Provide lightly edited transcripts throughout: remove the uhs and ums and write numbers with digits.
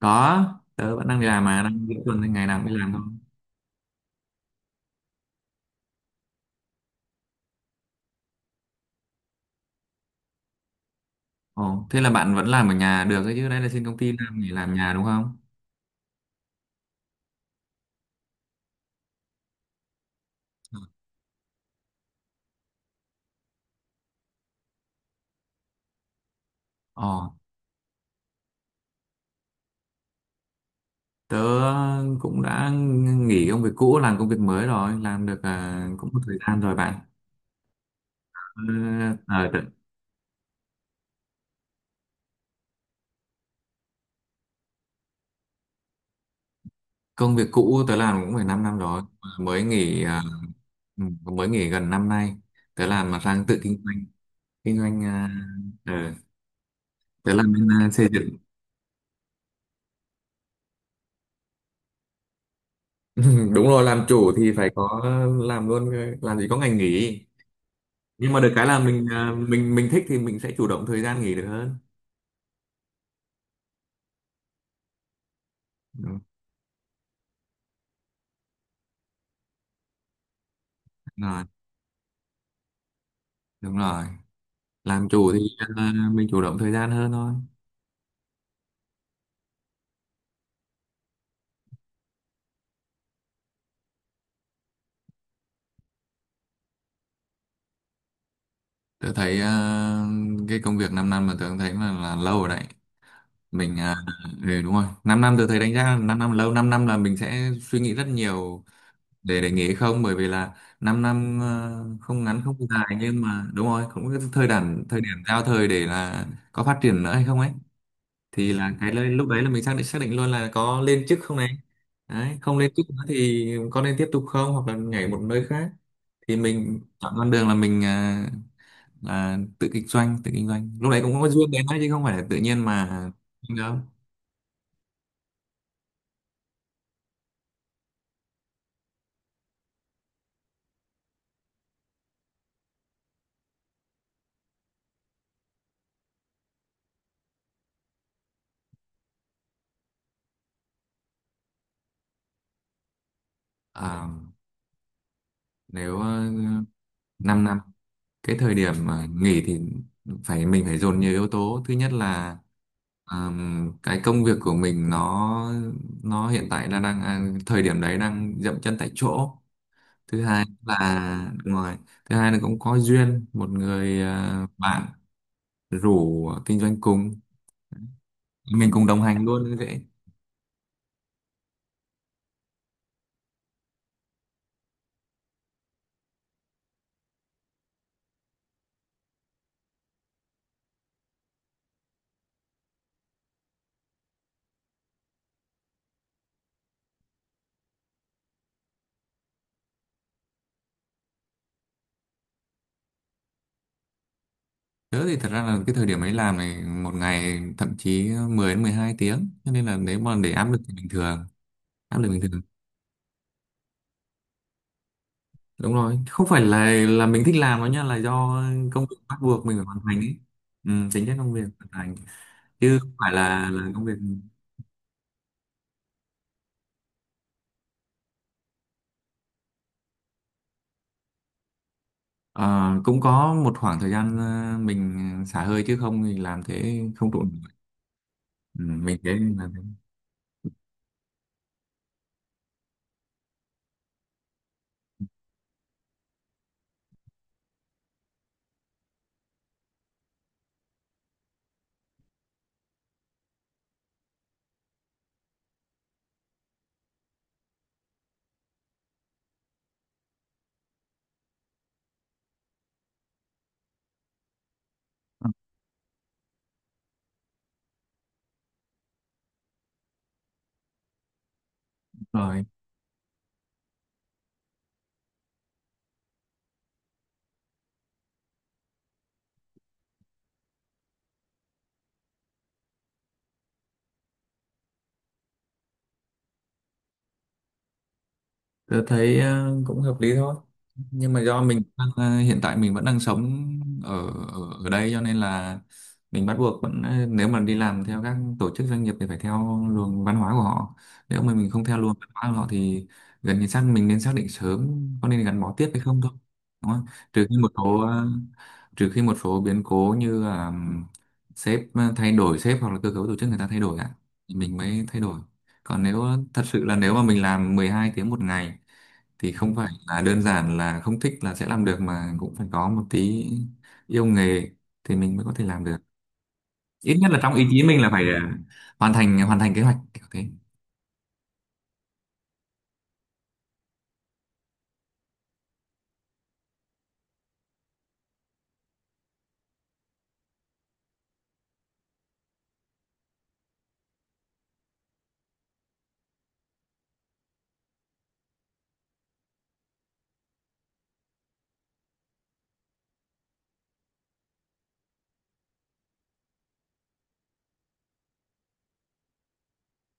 Có, tớ vẫn đang đi làm mà đang giữa tuần nên ngày nào cũng đi làm thôi. Ồ, Thế là bạn vẫn làm ở nhà được ấy chứ, đây là xin công ty làm nghỉ làm nhà đúng không? ồ Tớ cũng đã nghỉ công việc cũ, làm công việc mới rồi, làm được cũng một thời gian rồi bạn. Ờ, à, tớ- Công việc cũ tớ làm cũng phải 5 năm rồi mới nghỉ mới nghỉ gần năm nay, tớ làm mà sang tự kinh doanh. Kinh doanh ờ, tớ làm bên xây dựng. Đúng rồi, làm chủ thì phải có làm luôn, làm gì có ngày nghỉ. Nhưng mà được cái là mình thích thì mình sẽ chủ động thời gian nghỉ được hơn. Đúng rồi. Đúng rồi, làm chủ thì mình chủ động thời gian hơn thôi. Tớ thấy cái công việc 5 năm mà tớ cũng thấy là lâu rồi đấy. mình à, Đúng rồi, 5 năm tớ thấy đánh giá là 5 năm là lâu, 5 năm là mình sẽ suy nghĩ rất nhiều để nghỉ hay không, bởi vì là 5 năm không ngắn không dài, nhưng mà đúng rồi, cũng cái thời điểm giao thời để là có phát triển nữa hay không ấy. Thì là cái lên lúc đấy là mình xác định luôn là có lên chức không này. Đấy, không lên chức nữa thì có nên tiếp tục không, hoặc là nhảy một nơi khác. Thì mình chọn con đường là là tự kinh doanh lúc đấy cũng có duyên đến đấy chứ không phải là tự nhiên mà đâu. À, nếu 5 năm năm, cái thời điểm nghỉ thì mình phải dồn nhiều yếu tố. Thứ nhất là cái công việc của mình nó hiện tại là đang thời điểm đấy đang dậm chân tại chỗ. thứ hai là ngoài Thứ hai là cũng có duyên một người bạn rủ kinh doanh cùng, mình cùng đồng hành luôn như vậy. Tớ thì thật ra là cái thời điểm ấy làm này một ngày thậm chí 10 đến 12 tiếng, cho nên là nếu mà để áp lực thì bình thường. Áp lực bình thường, đúng rồi, không phải là mình thích làm nó nha, là do công việc bắt buộc mình phải hoàn thành ấy. Ừ, tính chất công việc hoàn thành, chứ không phải là công việc. Ờ, cũng có một khoảng thời gian mình xả hơi chứ không thì làm thế không trụ. Ừ, mình thấy là đúng rồi. Tôi thấy cũng hợp lý thôi, nhưng mà do mình đang, hiện tại mình vẫn đang sống ở ở, ở đây cho nên là mình bắt buộc vẫn, nếu mà đi làm theo các tổ chức doanh nghiệp thì phải theo luồng văn hóa của họ. Nếu mà mình không theo luồng văn hóa của họ thì gần như xác định sớm có nên gắn bó tiếp hay không thôi, đúng không? Trừ khi một số biến cố như là thay đổi sếp hoặc là cơ cấu tổ chức người ta thay đổi ạ, thì mình mới thay đổi. Còn nếu thật sự là nếu mà mình làm 12 tiếng một ngày thì không phải là đơn giản là không thích là sẽ làm được, mà cũng phải có một tí yêu nghề thì mình mới có thể làm được. Ít nhất là trong ý chí mình là phải hoàn thành kế hoạch kiểu thế.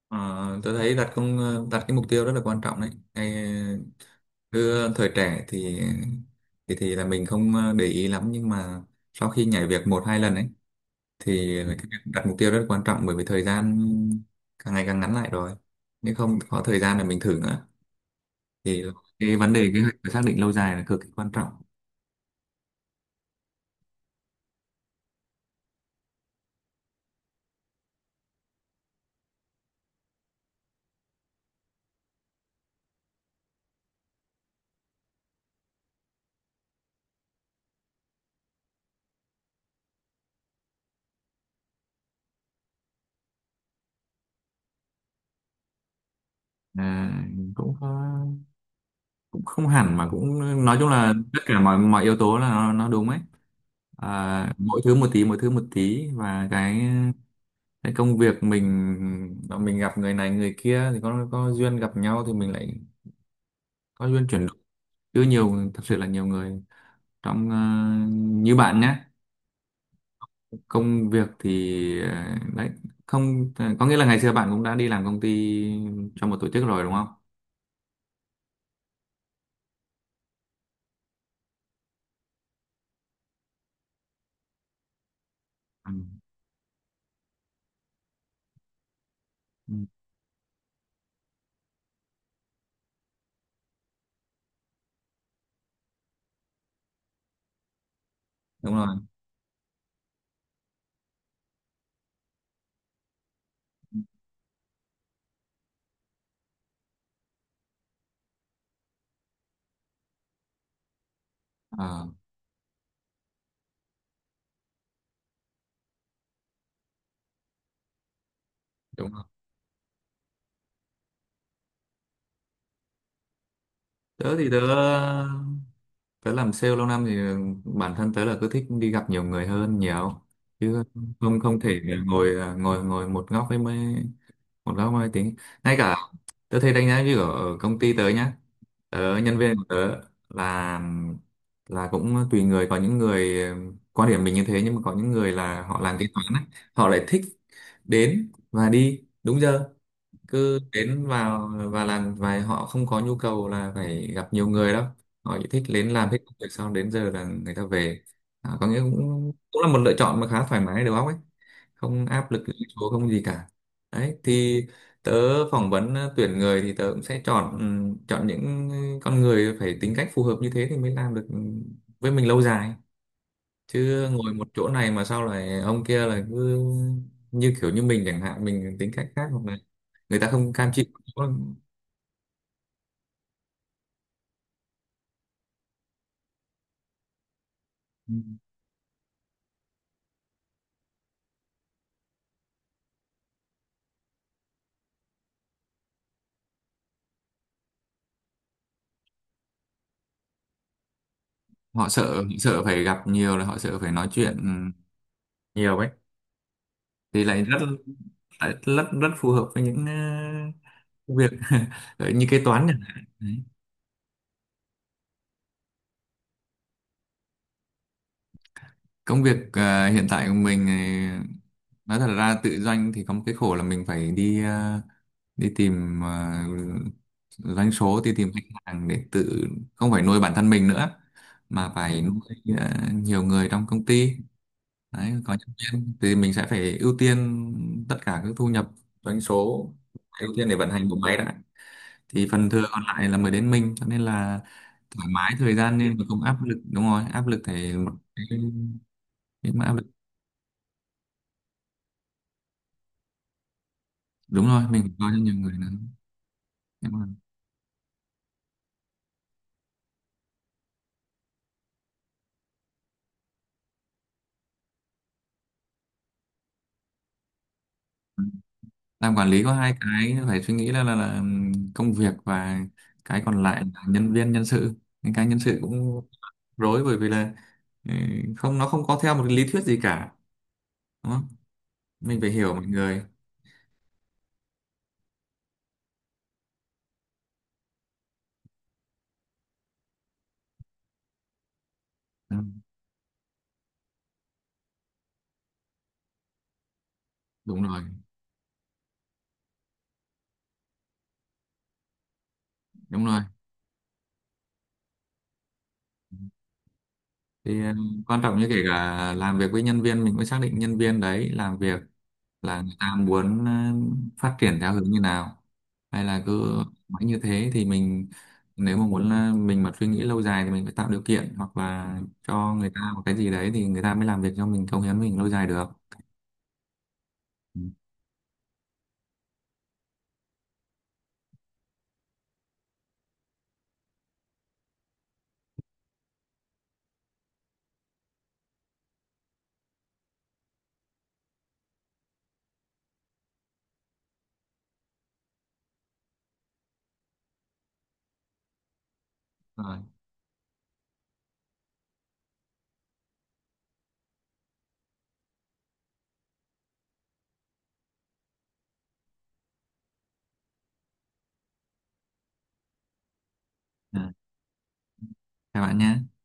Ờ, tôi thấy đặt cái mục tiêu rất là quan trọng đấy. Ngay cứ thời trẻ thì thì là mình không để ý lắm, nhưng mà sau khi nhảy việc một hai lần ấy thì cái việc đặt mục tiêu rất quan trọng, bởi vì thời gian càng ngày càng ngắn lại rồi, nếu không có thời gian để mình thử nữa thì cái vấn đề kế hoạch và xác định lâu dài là cực kỳ quan trọng. à, cũng có- Cũng không hẳn, mà cũng nói chung là tất cả mọi mọi yếu tố là nó đúng ấy. Mỗi thứ một tí, và cái công việc mình gặp người này người kia thì có duyên gặp nhau thì mình lại có duyên chuyển đổi. Chứ nhiều, thật sự là nhiều người trong như bạn nhé, công việc thì đấy, không ờ, có nghĩa là ngày xưa bạn cũng đã đi làm công ty cho một tổ chức rồi đúng không? Ừ, ừ, đúng rồi. Ờ, đúng rồi. Tớ tớ làm sale lâu năm thì bản thân tớ là cứ thích đi gặp nhiều người hơn, nhiều chứ, không không thể ngồi ngồi ngồi một góc với mấy một giáo mai tiếng. Ngay cả tớ thấy đánh giá như ở ở công ty tớ nhá, nhân viên của tớ là là cũng tùy người, có những người quan điểm mình như thế. Nhưng mà có những người là họ làm kế toán á, họ lại thích đến và đi đúng giờ, cứ đến vào và làm vài, họ không có nhu cầu là phải gặp nhiều người đâu, họ chỉ thích đến làm hết công việc xong đến giờ là người ta về. Có nghĩa cũng cũng là một lựa chọn mà khá thoải mái đầu óc ấy, không áp lực lên số không gì cả. Đấy thì tớ phỏng vấn tuyển người thì tớ cũng sẽ chọn, chọn những con người phải tính cách phù hợp như thế thì mới làm được với mình lâu dài. Chứ ngồi một chỗ này mà sao lại ông kia lại cứ, như kiểu như mình chẳng hạn, mình tính cách khác, hoặc là người ta không cam chịu. Ừ. Họ sợ sợ phải gặp nhiều, là họ sợ phải nói chuyện nhiều ấy, thì lại rất rất phù hợp với những ờ, việc như kế toán chẳng hạn. Đấy. Công việc hiện tại của mình thì nói thật ra tự doanh thì có một cái khổ là mình phải đi, đi tìm doanh số, đi tìm khách hàng để tự, không phải nuôi bản thân mình nữa, mà phải nuôi nhiều người trong công ty. Đấy, có nhân viên thì mình sẽ phải ưu tiên tất cả các thu nhập, doanh số, ưu tiên để vận hành bộ máy đã, thì phần thừa còn lại là mới đến mình, cho nên là thoải mái thời gian nên mà không áp lực. Đúng rồi, áp lực thì một cái mà áp lực đúng rồi, mình phải coi cho nhiều người nữa. Em ơi. Làm quản lý có hai cái phải suy nghĩ là, là công việc và cái còn lại là nhân viên, nhân sự. Những cái nhân sự cũng rối bởi vì là ừ, không, nó không có theo một cái lý thuyết gì cả, đúng không? Mình phải hiểu mọi người. Ừ, đúng rồi, đúng rồi. Thì quan trọng như kể cả làm việc với nhân viên, mình cũng xác định nhân viên đấy làm việc là người ta muốn phát triển theo hướng như nào, hay là cứ mãi như thế. Thì mình, nếu mà muốn, mình mà suy nghĩ lâu dài thì mình phải tạo điều kiện hoặc là cho người ta một cái gì đấy, thì người ta mới làm việc cho mình, cống hiến mình lâu dài được. Ừ. Rồi, à, chào bạn nhé.